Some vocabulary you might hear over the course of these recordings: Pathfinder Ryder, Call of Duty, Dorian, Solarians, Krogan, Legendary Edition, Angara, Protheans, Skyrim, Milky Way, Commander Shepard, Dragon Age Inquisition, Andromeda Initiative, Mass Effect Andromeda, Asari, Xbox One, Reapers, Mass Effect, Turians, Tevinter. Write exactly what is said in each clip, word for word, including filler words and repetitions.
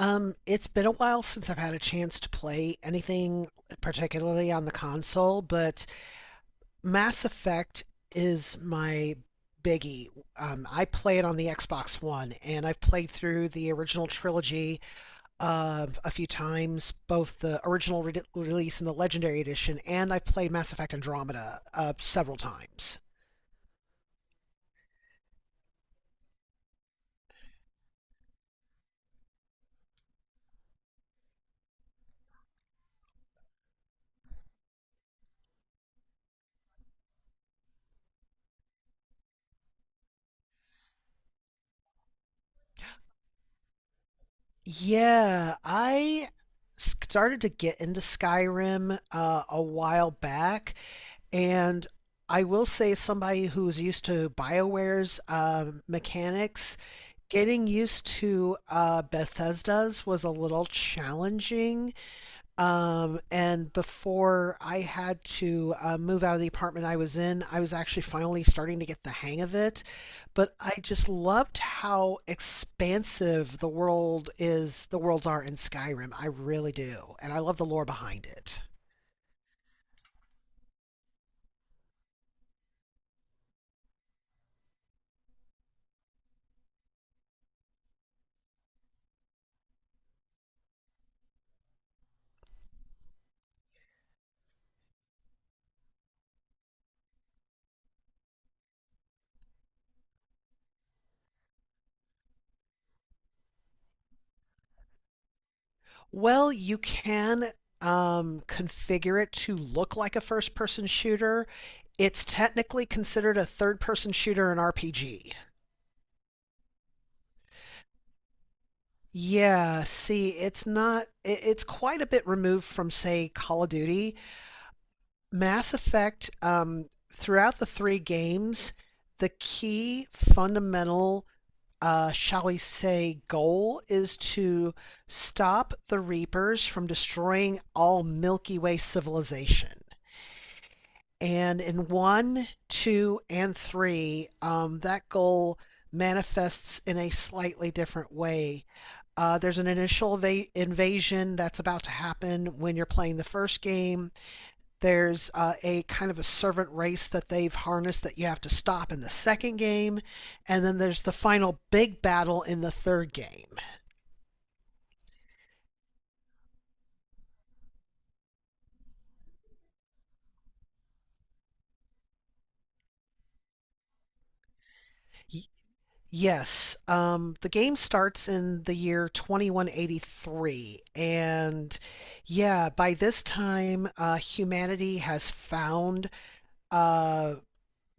Um, it's been a while since I've had a chance to play anything, particularly on the console, but Mass Effect is my biggie. Um, I play it on the Xbox One, and I've played through the original trilogy uh, a few times, both the original re- release and the Legendary Edition, and I've played Mass Effect Andromeda uh, several times. Yeah, I started to get into Skyrim uh, a while back. And I will say, somebody who's used to BioWare's um, mechanics, getting used to uh, Bethesda's was a little challenging. Um, and before I had to uh, move out of the apartment I was in, I was actually finally starting to get the hang of it. But I just loved how expansive the world is, the worlds are in Skyrim. I really do. And I love the lore behind it. Well, you can um, configure it to look like a first person shooter. It's technically considered a third person shooter in R P G. Yeah, see, it's not, it, it's quite a bit removed from, say, Call of Duty. Mass Effect, um, throughout the three games, the key fundamental, uh, shall we say, goal is to stop the Reapers from destroying all Milky Way civilization. And in one, two, and three, um, that goal manifests in a slightly different way. Uh, there's an initial va- invasion that's about to happen when you're playing the first game. There's uh, a kind of a servant race that they've harnessed that you have to stop in the second game. And then there's the final big battle in the third game. Yes, um, the game starts in the year twenty one eighty-three, and yeah, by this time, uh, humanity has found uh,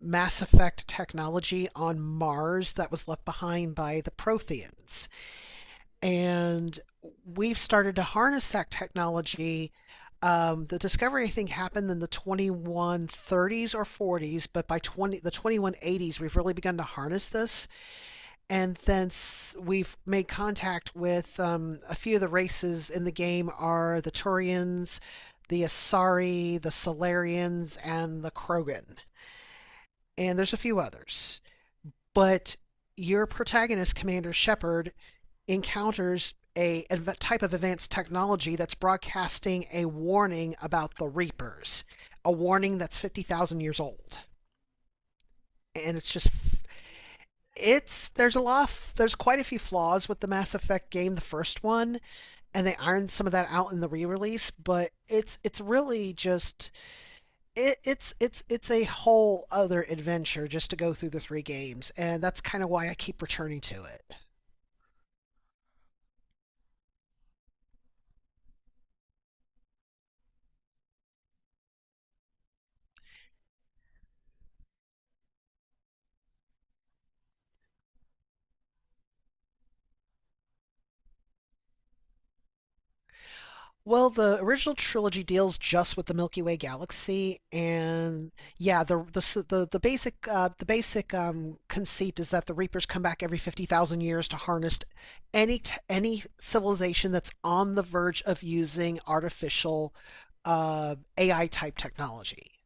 Mass Effect technology on Mars that was left behind by the Protheans, and we've started to harness that technology. Um, the discovery, I think, happened in the twenty one thirties or forties, but by twenty the twenty one eighties, we've really begun to harness this, and thence we've made contact with um, a few of the races in the game are the Turians, the Asari, the Solarians, and the Krogan. And there's a few others. But your protagonist, Commander Shepard, encounters a type of advanced technology that's broadcasting a warning about the Reapers, a warning that's fifty thousand years old. And it's just it's there's a lot of, there's quite a few flaws with the Mass Effect game, the first one, and they ironed some of that out in the re-release, but it's it's really just it, it's it's it's a whole other adventure just to go through the three games, and that's kind of why I keep returning to it. Well, the original trilogy deals just with the Milky Way galaxy, and yeah, the the s- the, the basic uh, the basic um, conceit is that the Reapers come back every fifty thousand years to harness any t- any civilization that's on the verge of using artificial uh, A I type technology.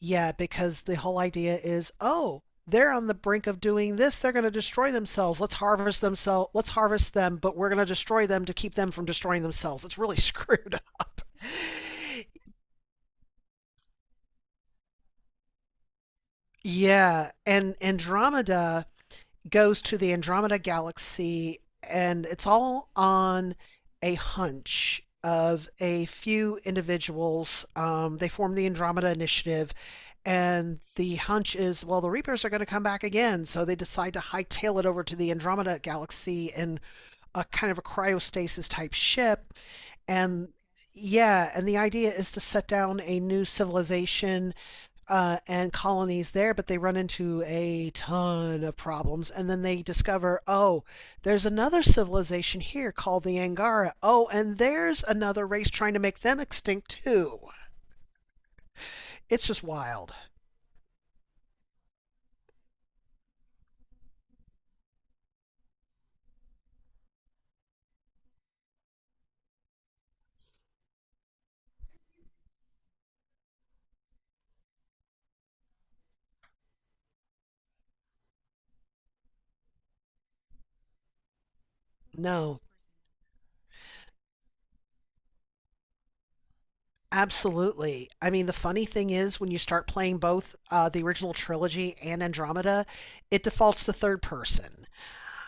Yeah, because the whole idea is, oh, they're on the brink of doing this. They're going to destroy themselves. Let's harvest themselves. Let's harvest them, but we're going to destroy them to keep them from destroying themselves. It's really screwed up. Yeah, and Andromeda goes to the Andromeda galaxy, and it's all on a hunch of a few individuals. Um, they form the Andromeda Initiative. And the hunch is, well, the Reapers are going to come back again. So they decide to hightail it over to the Andromeda Galaxy in a kind of a cryostasis type ship. And Yeah, and the idea is to set down a new civilization uh, and colonies there, but they run into a ton of problems. And then they discover, oh, there's another civilization here called the Angara. Oh, and there's another race trying to make them extinct too. It's just wild. No. Absolutely. I mean, the funny thing is when you start playing both uh, the original trilogy and Andromeda, it defaults to third person.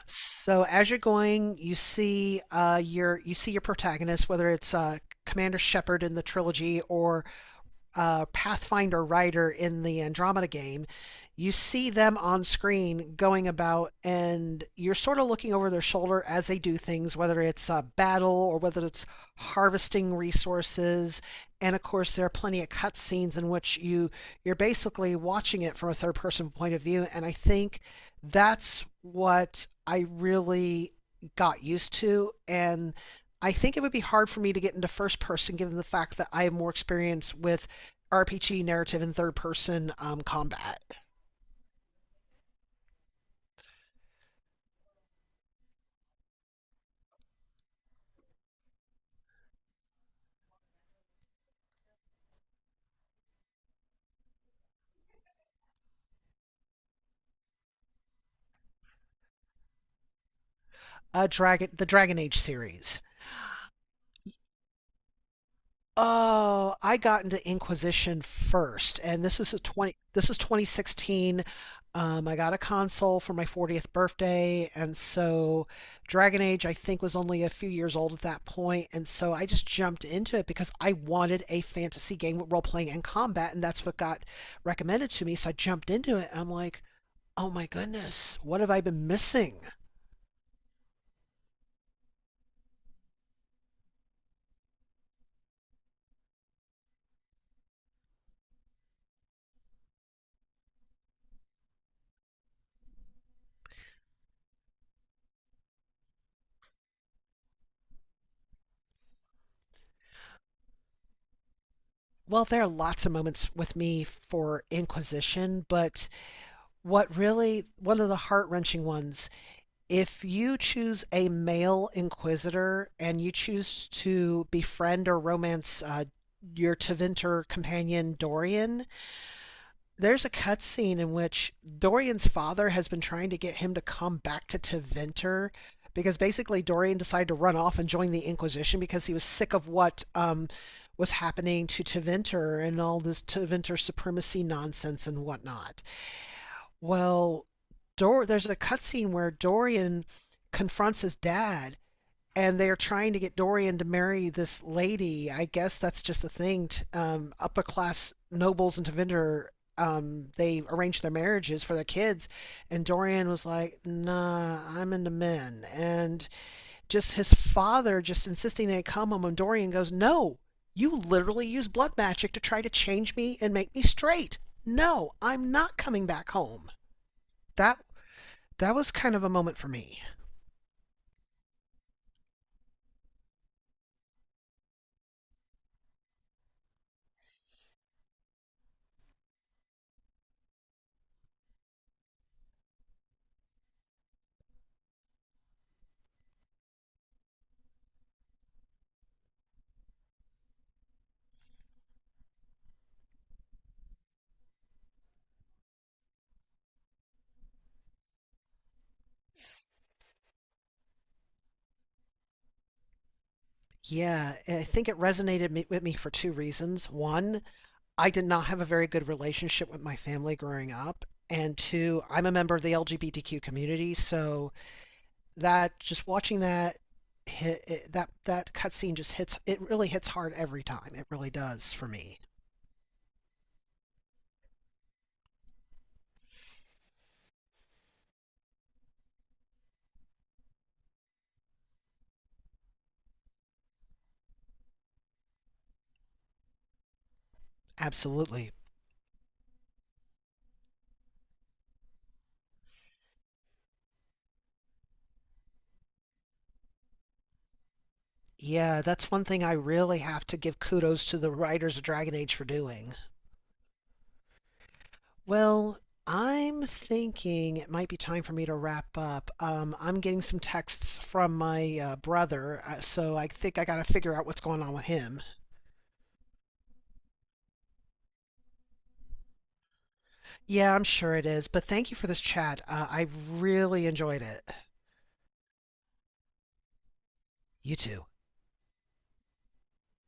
So as you're going, you see uh, your you see your protagonist, whether it's uh, Commander Shepard in the trilogy or uh, Pathfinder writer in the Andromeda game, you see them on screen going about, and you're sort of looking over their shoulder as they do things, whether it's a battle or whether it's harvesting resources. And of course, there are plenty of cutscenes in which you you're basically watching it from a third-person point of view. And I think that's what I really got used to, and I think it would be hard for me to get into first person given the fact that I have more experience with R P G narrative in third person um, combat. Uh, Dragon, the Dragon Age series. Oh, I got into Inquisition first, and this is a twenty. This is twenty sixteen. Um, I got a console for my fortieth birthday, and so Dragon Age I think was only a few years old at that point, and so I just jumped into it because I wanted a fantasy game with role playing and combat, and that's what got recommended to me. So I jumped into it. And I'm like, oh my goodness, what have I been missing? Well, there are lots of moments with me for inquisition, but what really, one of the heart wrenching ones, if you choose a male inquisitor and you choose to befriend or romance uh, your Teventer companion Dorian, there's a cutscene in which Dorian's father has been trying to get him to come back to Teventer because basically Dorian decided to run off and join the Inquisition because he was sick of what um, was happening to Teventer and all this Teventer supremacy nonsense and whatnot. Well, Dor- there's a cutscene where Dorian confronts his dad and they are trying to get Dorian to marry this lady. I guess that's just a thing. T- um, upper class nobles in Tevinder, um, they arrange their marriages for their kids, and Dorian was like, "Nah, I'm into men." And just his father just insisting they come home, and Dorian goes, "No, you literally use blood magic to try to change me and make me straight. No, I'm not coming back home." That that was kind of a moment for me. Yeah, I think it resonated with me for two reasons. One, I did not have a very good relationship with my family growing up. And two, I'm a member of the L G B T Q community, so that just watching that hit it, that that cutscene just hits it really hits hard every time. It really does for me. Absolutely. Yeah, that's one thing I really have to give kudos to the writers of Dragon Age for doing. Well, I'm thinking it might be time for me to wrap up. Um, I'm getting some texts from my uh, brother, uh, so I think I got to figure out what's going on with him. Yeah, I'm sure it is, but thank you for this chat. Uh, I really enjoyed it. You too.